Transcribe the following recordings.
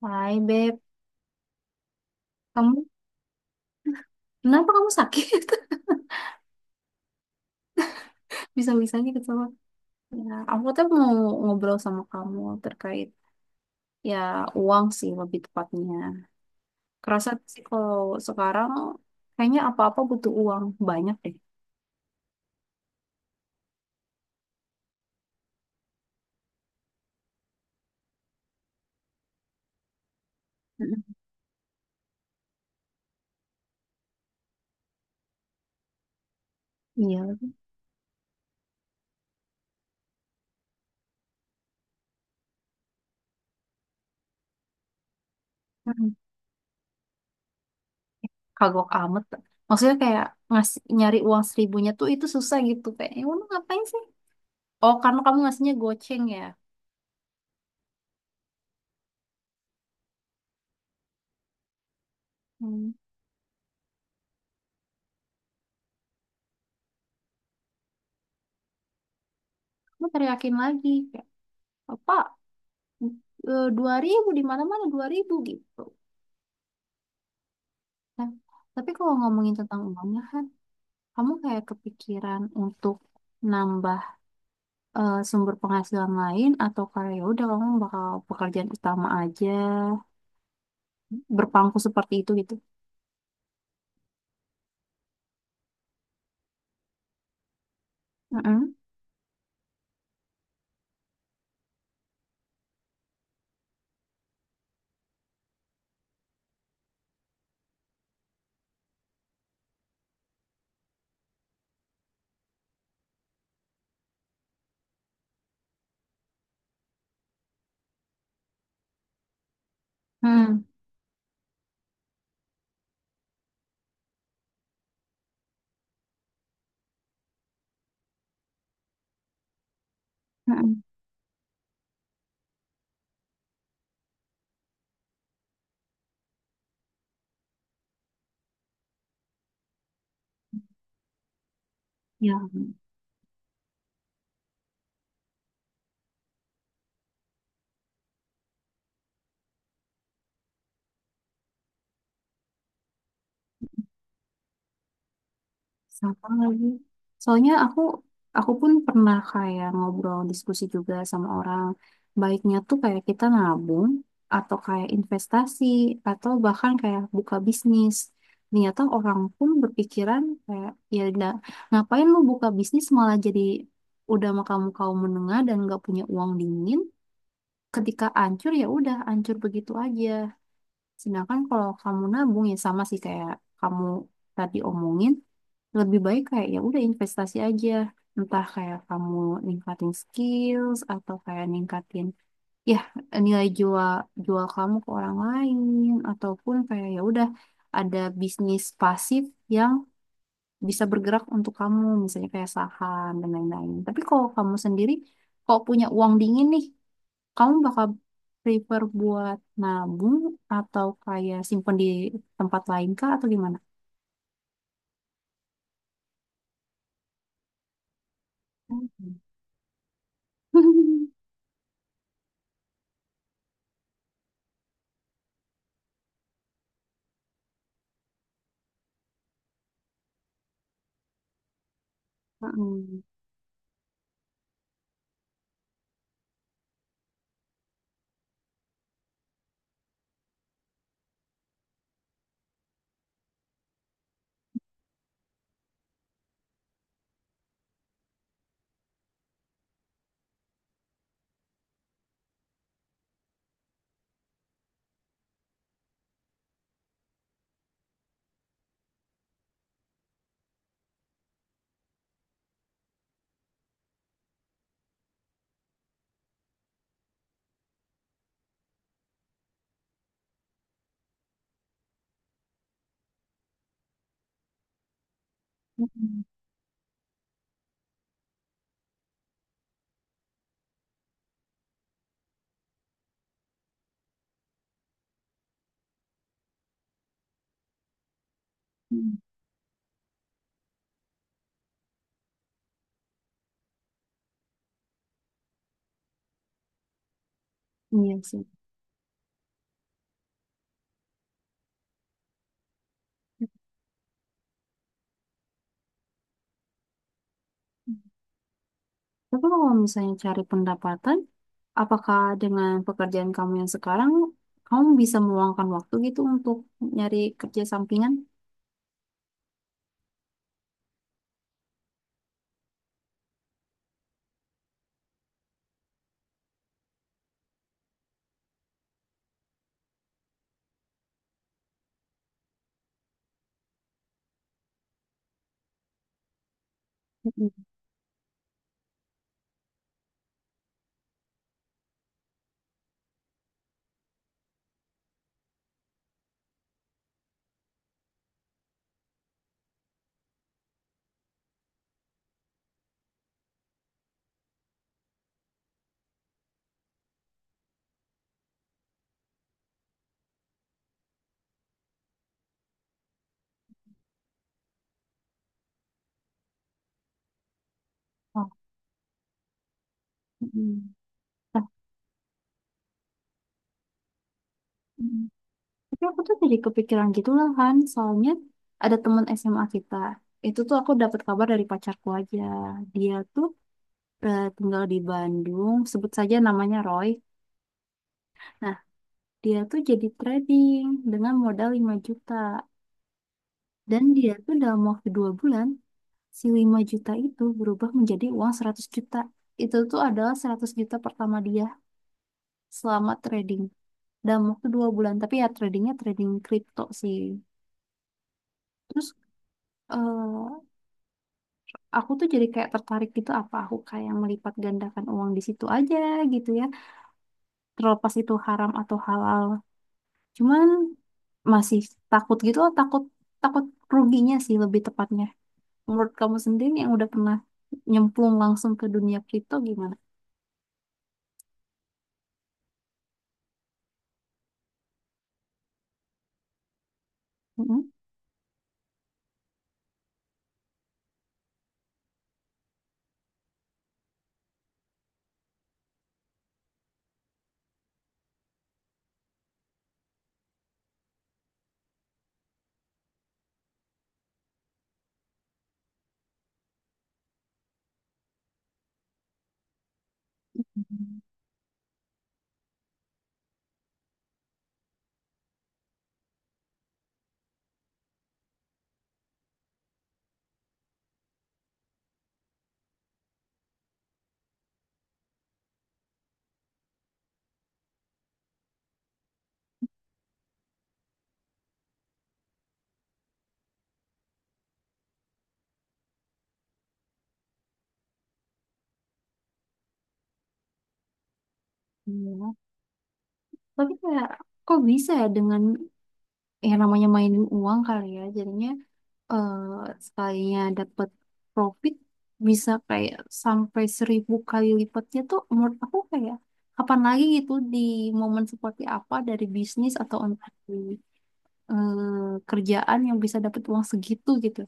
Hai Beb, kamu kenapa kamu sakit? Bisa-bisanya kecewa. Ya, aku tuh mau ngobrol sama kamu terkait, ya, uang sih lebih tepatnya. Kerasa sih kalau sekarang kayaknya apa-apa butuh uang banyak deh. Mm-mm. Iya. Mm. Kagok amat. Maksudnya kayak ngasih nyari uang seribunya tuh itu susah gitu kayak, ya udah ngapain sih? Oh, karena kamu ngasihnya goceng ya. Hmm. Kamu teriakin lagi kayak apa? Dua ribu di mana-mana dua ribu gitu. Nah, tapi kalau ngomongin tentang uangnya kan, kamu kayak kepikiran untuk nambah sumber penghasilan lain atau kayak "Ya udah kamu bakal pekerjaan utama aja berpangku seperti itu gitu. Mm-mm. Hmm. Mm-mm. Ya. Sama lagi. Soalnya aku pun pernah kayak ngobrol diskusi juga sama orang. Baiknya tuh kayak kita nabung atau kayak investasi atau bahkan kayak buka bisnis. Ternyata orang pun berpikiran kayak ya udah ngapain lu buka bisnis malah jadi udah sama kamu kaum menengah dan nggak punya uang dingin. Ketika ancur ya udah ancur begitu aja. Sedangkan kalau kamu nabung ya sama sih kayak kamu tadi omongin lebih baik kayak ya udah investasi aja, entah kayak kamu ningkatin skills atau kayak ningkatin, ya, nilai jual jual kamu ke orang lain ataupun kayak ya udah ada bisnis pasif yang bisa bergerak untuk kamu misalnya kayak saham dan lain-lain. Tapi kalau kamu sendiri, kalau punya uang dingin nih, kamu bakal prefer buat nabung atau kayak simpen di tempat lain kah atau gimana? Hmm. Mm-mm. Hmm. Iya sih. Tapi kalau misalnya cari pendapatan, apakah dengan pekerjaan kamu yang sekarang, kamu bisa meluangkan waktu gitu untuk nyari kerja sampingan? Mm-mm. Oh, mm. Nah, mm. Tapi aku tuh jadi kepikiran gitu lah kan, soalnya ada teman SMA kita. Itu tuh aku dapat kabar dari pacarku aja. Dia tuh tinggal di Bandung, sebut saja namanya Roy. Nah, dia tuh jadi trading dengan modal 5 juta. Dan dia tuh dalam waktu dua bulan, si 5 juta itu berubah menjadi uang 100 juta. Itu tuh adalah 100 juta pertama dia selama trading. Dalam waktu dua bulan. Tapi ya tradingnya trading kripto sih. Terus eh, aku tuh jadi kayak tertarik gitu. Apa aku kayak melipat gandakan uang di situ aja gitu ya. Terlepas itu haram atau halal. Cuman masih takut gitu loh. Takut, takut ruginya sih lebih tepatnya. Menurut kamu sendiri yang udah pernah nyemplung langsung ke dunia kripto gimana? Mm-mm. Iya. Tapi kayak kok bisa ya dengan yang namanya mainin uang kali ya jadinya eh, sekalinya dapet profit bisa kayak sampai seribu kali lipatnya tuh menurut aku kayak kapan lagi gitu di momen seperti apa dari bisnis atau entah di kerjaan yang bisa dapet uang segitu gitu.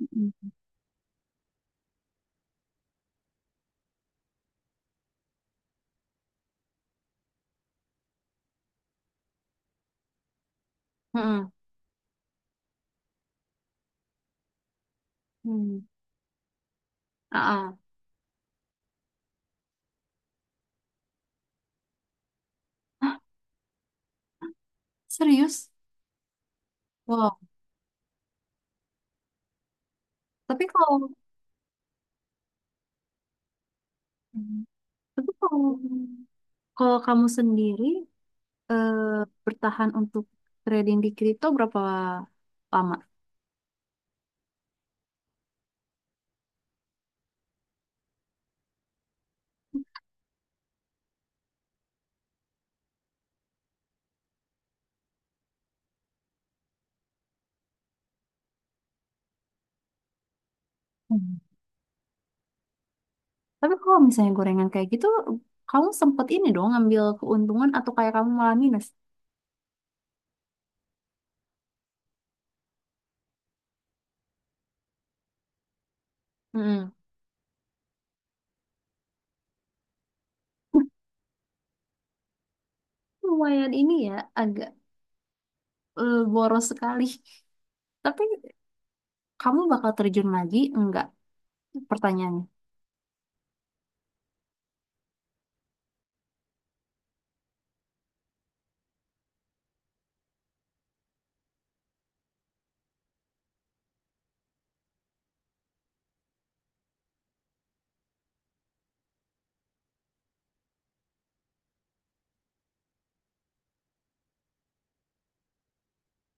Mm-mm. Mm-mm. Hmm. Ah, ah. Serius? Wow. Tapi kalau tapi kalau kalau kamu sendiri eh, bertahan untuk trading di kripto berapa lama? Hmm. Tapi kalau misalnya gorengan kayak gitu, kamu sempet ini dong ngambil keuntungan atau kayak kamu malah minus? Mm-mm. Lumayan ini ya, agak boros sekali. Tapi kamu bakal terjun lagi? Enggak, pertanyaannya.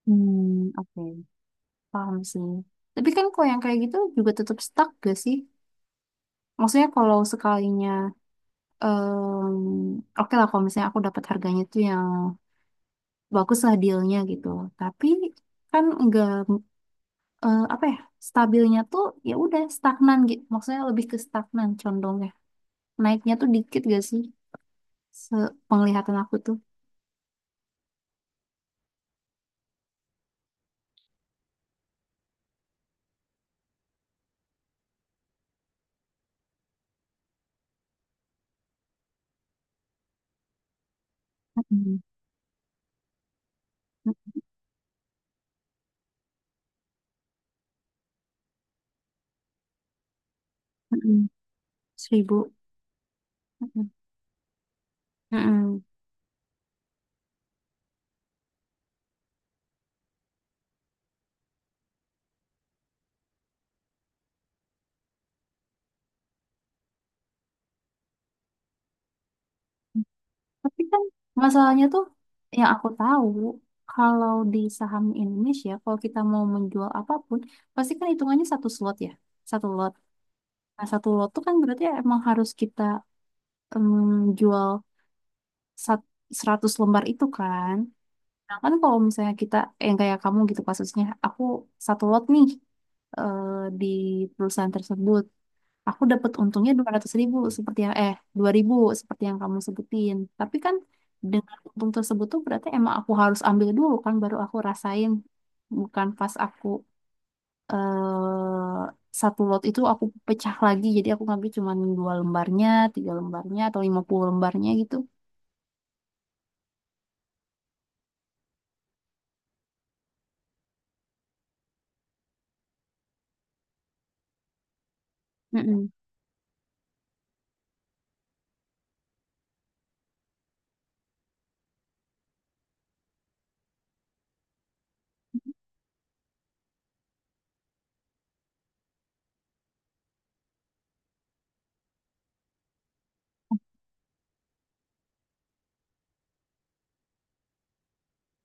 Hmm, oke. Paham sih. Tapi kan kalau yang kayak gitu juga tetap stuck gak sih? Maksudnya kalau sekalinya, em, oke lah kalau misalnya aku dapat harganya tuh yang bagus lah dealnya gitu. Tapi kan nggak, apa ya, stabilnya tuh ya udah stagnan gitu. Maksudnya lebih ke stagnan condongnya. Naiknya tuh dikit gak sih? Sepenglihatan aku tuh. Mm-mm. Mm-mm. Seribu. Mm-mm. Mm-mm. Tapi kan masalahnya tuh yang aku tahu kalau di saham Indonesia kalau kita mau menjual apapun pasti kan hitungannya satu slot ya. Satu lot. Nah, satu lot tuh kan berarti emang harus kita, em, jual sat- 100 lembar itu kan. Nah, kan kalau misalnya kita, yang kayak kamu gitu kasusnya, aku satu lot nih eh, di perusahaan tersebut. Aku dapat untungnya 200 ribu seperti yang 2000 seperti yang kamu sebutin. Tapi kan dengan untung tersebut tuh berarti emang aku harus ambil dulu kan baru aku rasain, bukan pas aku, eh satu lot itu aku pecah lagi jadi aku ngambil cuma dua lembarnya, tiga lembarnya atau lima puluh lembarnya gitu. Mm-mm.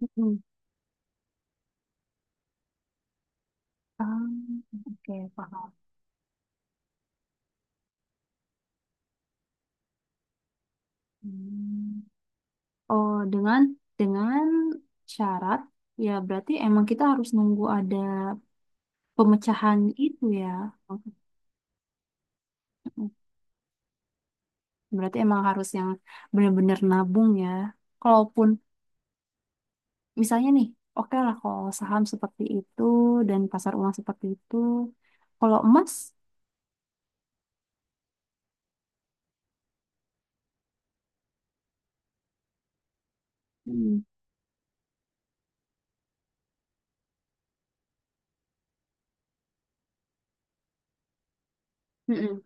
Mm-mm. Ah, oke, paham. Hmm. Oh, dengan syarat ya, berarti emang kita harus nunggu ada pemecahan itu ya. Mm-mm. Berarti emang harus yang benar-benar nabung ya. Kalaupun misalnya nih oke lah kalau saham seperti itu dan pasar uang seperti itu, kalau emas. Hmm. Mm-mm.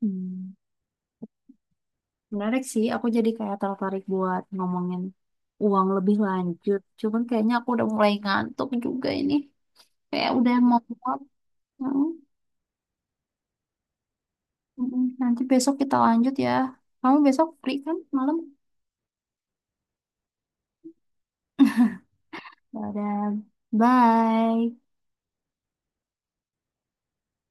Hmm. Menarik sih, aku jadi kayak tertarik buat ngomongin uang lebih lanjut. Cuman kayaknya aku udah mulai ngantuk juga ini. Kayak udah mau pulang. Hmm. Mm-mm. Nanti besok kita lanjut ya. Kamu besok free kan malam? Dadah. Bye.